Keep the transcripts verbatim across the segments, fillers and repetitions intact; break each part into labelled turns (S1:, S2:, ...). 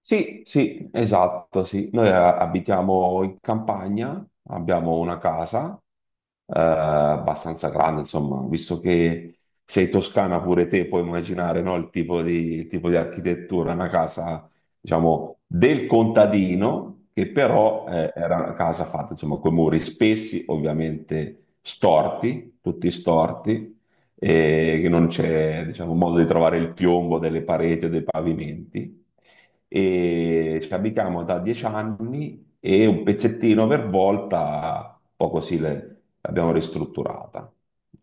S1: Sì, sì, esatto, sì. Noi eh, abitiamo in campagna, abbiamo una casa eh, abbastanza grande, insomma, visto che sei toscana pure te, puoi immaginare, no, il tipo di, il tipo di architettura, una casa, diciamo, del contadino, che però eh, era una casa fatta, insomma, con muri spessi, ovviamente storti, tutti storti, e che non c'è, diciamo, modo di trovare il piombo delle pareti o dei pavimenti e ci abitiamo da dieci anni e un pezzettino per volta, un po' così le- l'abbiamo ristrutturata.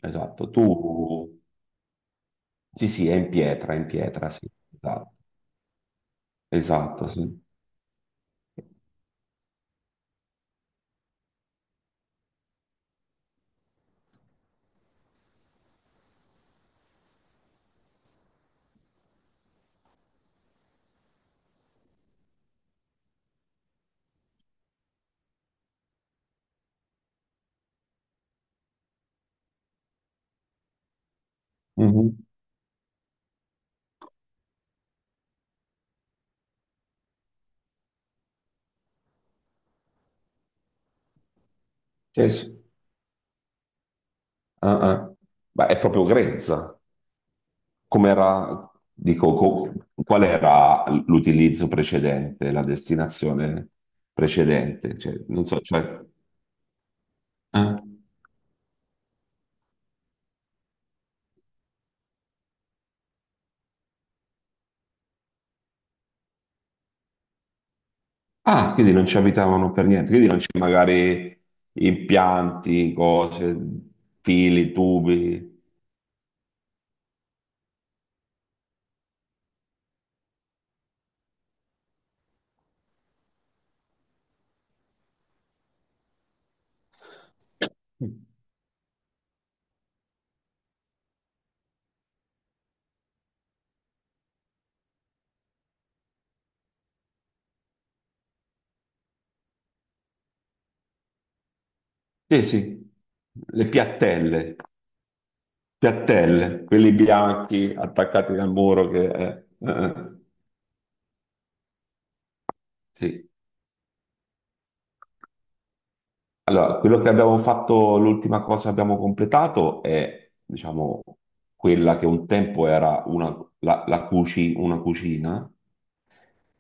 S1: Esatto, tu... Sì, sì, è in pietra, è in pietra, sì. Esatto, esatto, sì. Mhm. Sì, sì. Ah, ah. Ma è proprio grezza. Com'era, dico, co- qual era l'utilizzo precedente, la destinazione precedente? Cioè, non so, cioè... eh? Ah, quindi non ci abitavano per niente, quindi non c'è magari impianti, cose, fili, tubi. Sì, sì, le piattelle, piattelle, quelli bianchi attaccati al muro che... eh, eh, sì. Allora, quello che abbiamo fatto, l'ultima cosa che abbiamo completato è, diciamo, quella che un tempo era una, la, la cuci- una cucina,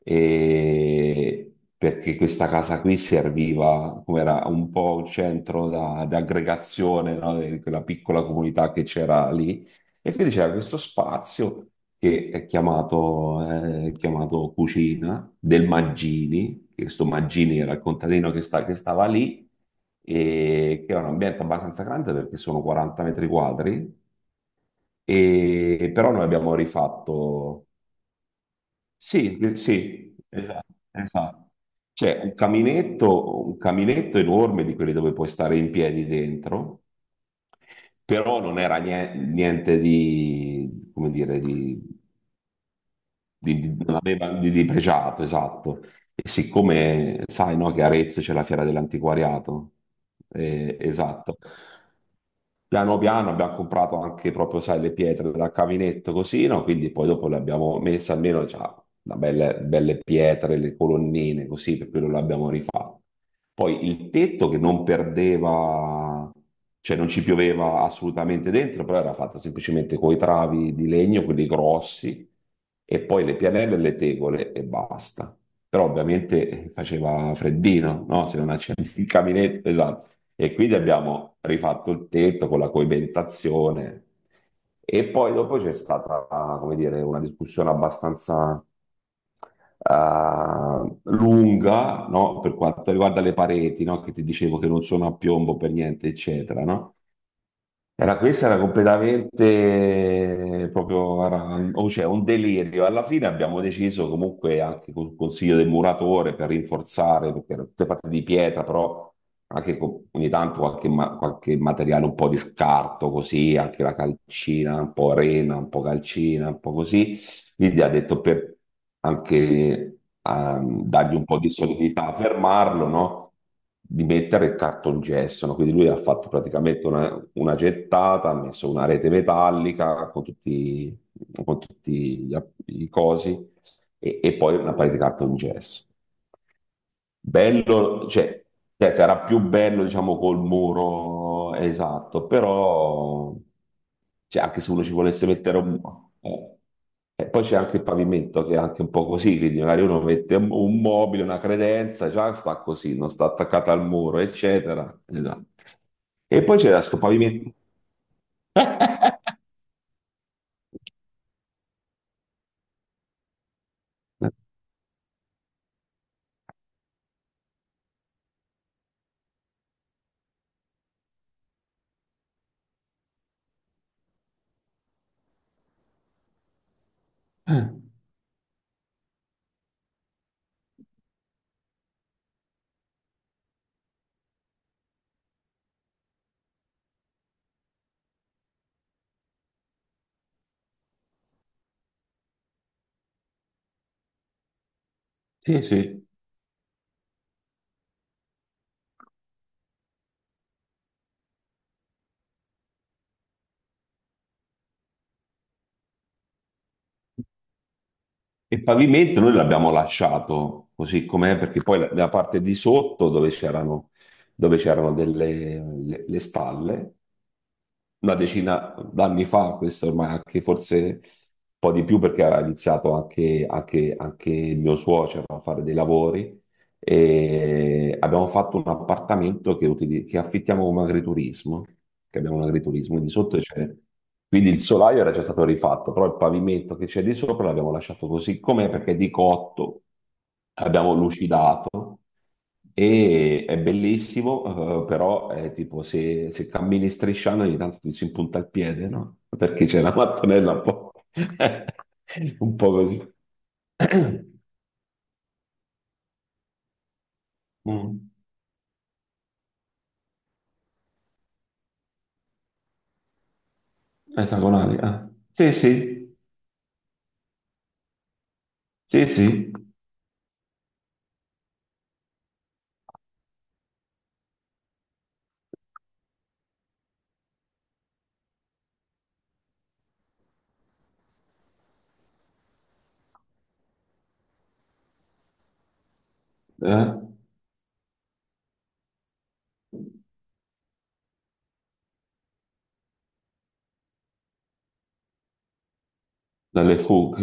S1: e perché questa casa qui serviva come era un po' un centro da- di aggregazione, no, di quella piccola comunità che c'era lì. E quindi c'era questo spazio che è chiamato, eh, chiamato Cucina del Maggini, che questo Maggini era il contadino che, sta- che stava lì, e che è un ambiente abbastanza grande perché sono quaranta metri quadri, e, però noi abbiamo rifatto. Sì, eh, sì, esatto, esatto. C'è un caminetto, un caminetto enorme di quelli dove puoi stare in piedi dentro, però non era nie- niente di, come dire, di, di- di- non aveva di, di pregiato, esatto. E siccome sai, no, che a Arezzo c'è la Fiera dell'Antiquariato, eh, esatto. Piano piano abbiamo comprato anche proprio, sai, le pietre da caminetto così, no? Quindi poi dopo le abbiamo messe almeno, cioè, da belle, belle pietre, le colonnine così, per quello l'abbiamo rifatto. Poi il tetto che non perdeva, cioè non ci pioveva assolutamente dentro, però era fatto semplicemente con i travi di legno, quelli grossi, e poi le pianelle e le tegole e basta. Però ovviamente eh, faceva freddino, no? Se non accendi il caminetto, esatto. E quindi abbiamo rifatto il tetto con la coibentazione. E poi dopo c'è stata, come dire, una discussione abbastanza eh, lunga, no? Per quanto riguarda le pareti, no? Che ti dicevo che non sono a piombo per niente, eccetera, no? Era, questa era completamente eh, proprio, era- o cioè, un delirio. Alla fine abbiamo deciso comunque anche col consiglio del muratore per rinforzare, perché erano tutte fatte di pietra, però anche con, ogni tanto qualche, ma- qualche materiale un po' di scarto, così, anche la calcina, un po' arena, un po' calcina, un po' così. Quindi ha detto per anche ehm, dargli un po' di solidità, fermarlo, no? Di mettere il cartongesso, no? Quindi lui ha fatto praticamente una, una gettata, ha messo una rete metallica con tutti, con tutti gli app- i cosi e, e poi una parete di cartongesso. Bello, cioè, cioè, sarà più bello, diciamo, col muro esatto, però cioè, anche se uno ci volesse mettere un... eh, E poi c'è anche il pavimento che è anche un po' così, quindi magari uno mette un, un mobile, una credenza, già sta così, non sta attaccata al muro, eccetera. Esatto. E poi c'era questo pavimento. Eh, sì, sì. E il pavimento noi l'abbiamo lasciato così com'è, perché poi la, la parte di sotto dove c'erano dove c'erano delle le- le stalle, una decina d'anni fa, questo ormai anche forse un po' di più perché aveva iniziato anche, anche, anche il mio suocero a fare dei lavori e abbiamo fatto un appartamento che, utili- che affittiamo come agriturismo, che abbiamo un agriturismo, e di sotto c'è, quindi il solaio era già stato rifatto, però il pavimento che c'è di sopra l'abbiamo lasciato così com'è perché è di cotto, abbiamo lucidato e è bellissimo, eh, però è tipo se, se cammini strisciando ogni tanto ti si impunta il piede, no? Perché c'è la mattonella un po', un po' così. Mm. Esagonali, eh. Sì, sì, sì, sì, eh. Dalle fughe.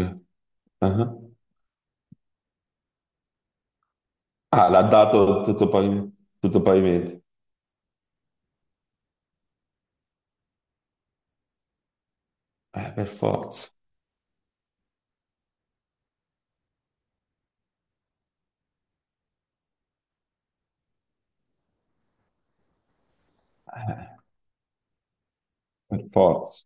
S1: Eh. Ah, l'ha dato tutto pavimento. Tutto pavimento. Eh, per forza, eh, per forza.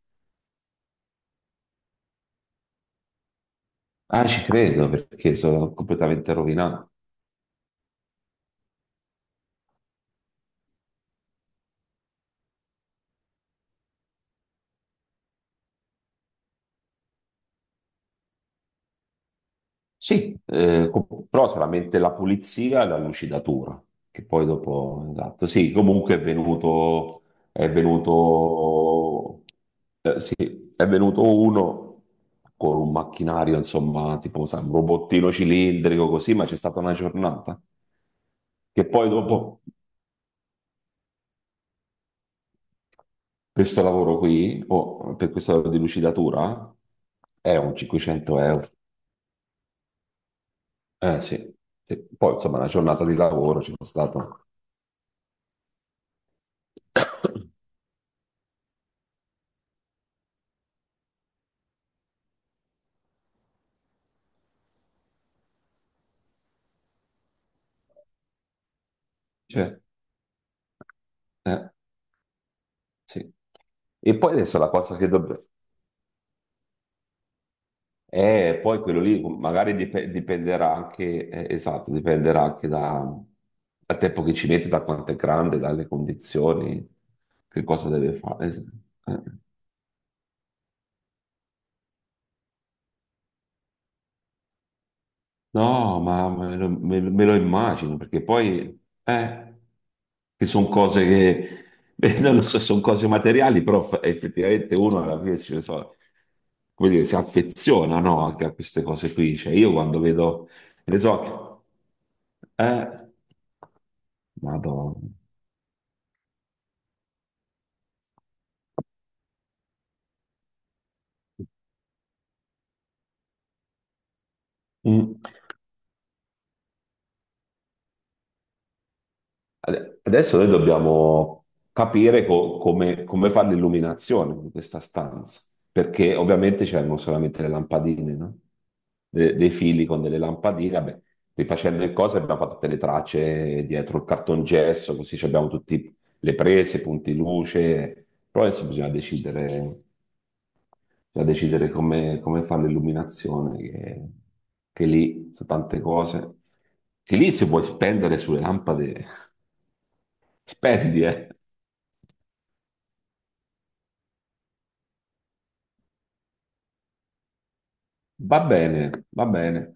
S1: Ah, ci credo perché sono completamente rovinato. Sì, eh, co- però solamente la pulizia e la lucidatura, che poi dopo, esatto, sì, comunque è venuto, è venuto, eh, sì, è venuto uno con un macchinario, insomma, tipo sai, un robottino cilindrico così, ma c'è stata una giornata che poi dopo questo lavoro qui, o per questo lavoro di lucidatura, è un cinquecento euro. Eh sì, sì. Poi insomma una giornata di lavoro c'è stata. Cioè, eh, sì. E poi adesso la cosa che dobbiamo... Eh, poi quello lì magari dip- dipenderà anche, eh, esatto, dipenderà anche da, dal tempo che ci mette, da quanto è grande, dalle condizioni, che cosa deve fare. es- eh. No, ma me lo, me lo- me lo immagino perché poi, eh, che sono cose che, beh, non lo so, sono cose materiali, però fa- effettivamente uno alla fine si, so, come dire, si affeziona, no, anche a queste cose qui. Cioè, io quando vedo, ne so, eh, Madonna. Mm. Ade- Adesso noi dobbiamo capire co- come, come fare l'illuminazione di questa stanza, perché ovviamente c'erano solamente le lampadine, no? De- dei fili con delle lampadine, vabbè, rifacendo le cose abbiamo fatto tutte le tracce dietro il cartongesso, così ci abbiamo tutte le prese, i punti luce, però adesso bisogna decidere, bisogna decidere come, come fare l'illuminazione, che, che lì sono tante cose, che lì se vuoi spendere sulle lampade, spendi, eh. Va bene, va bene.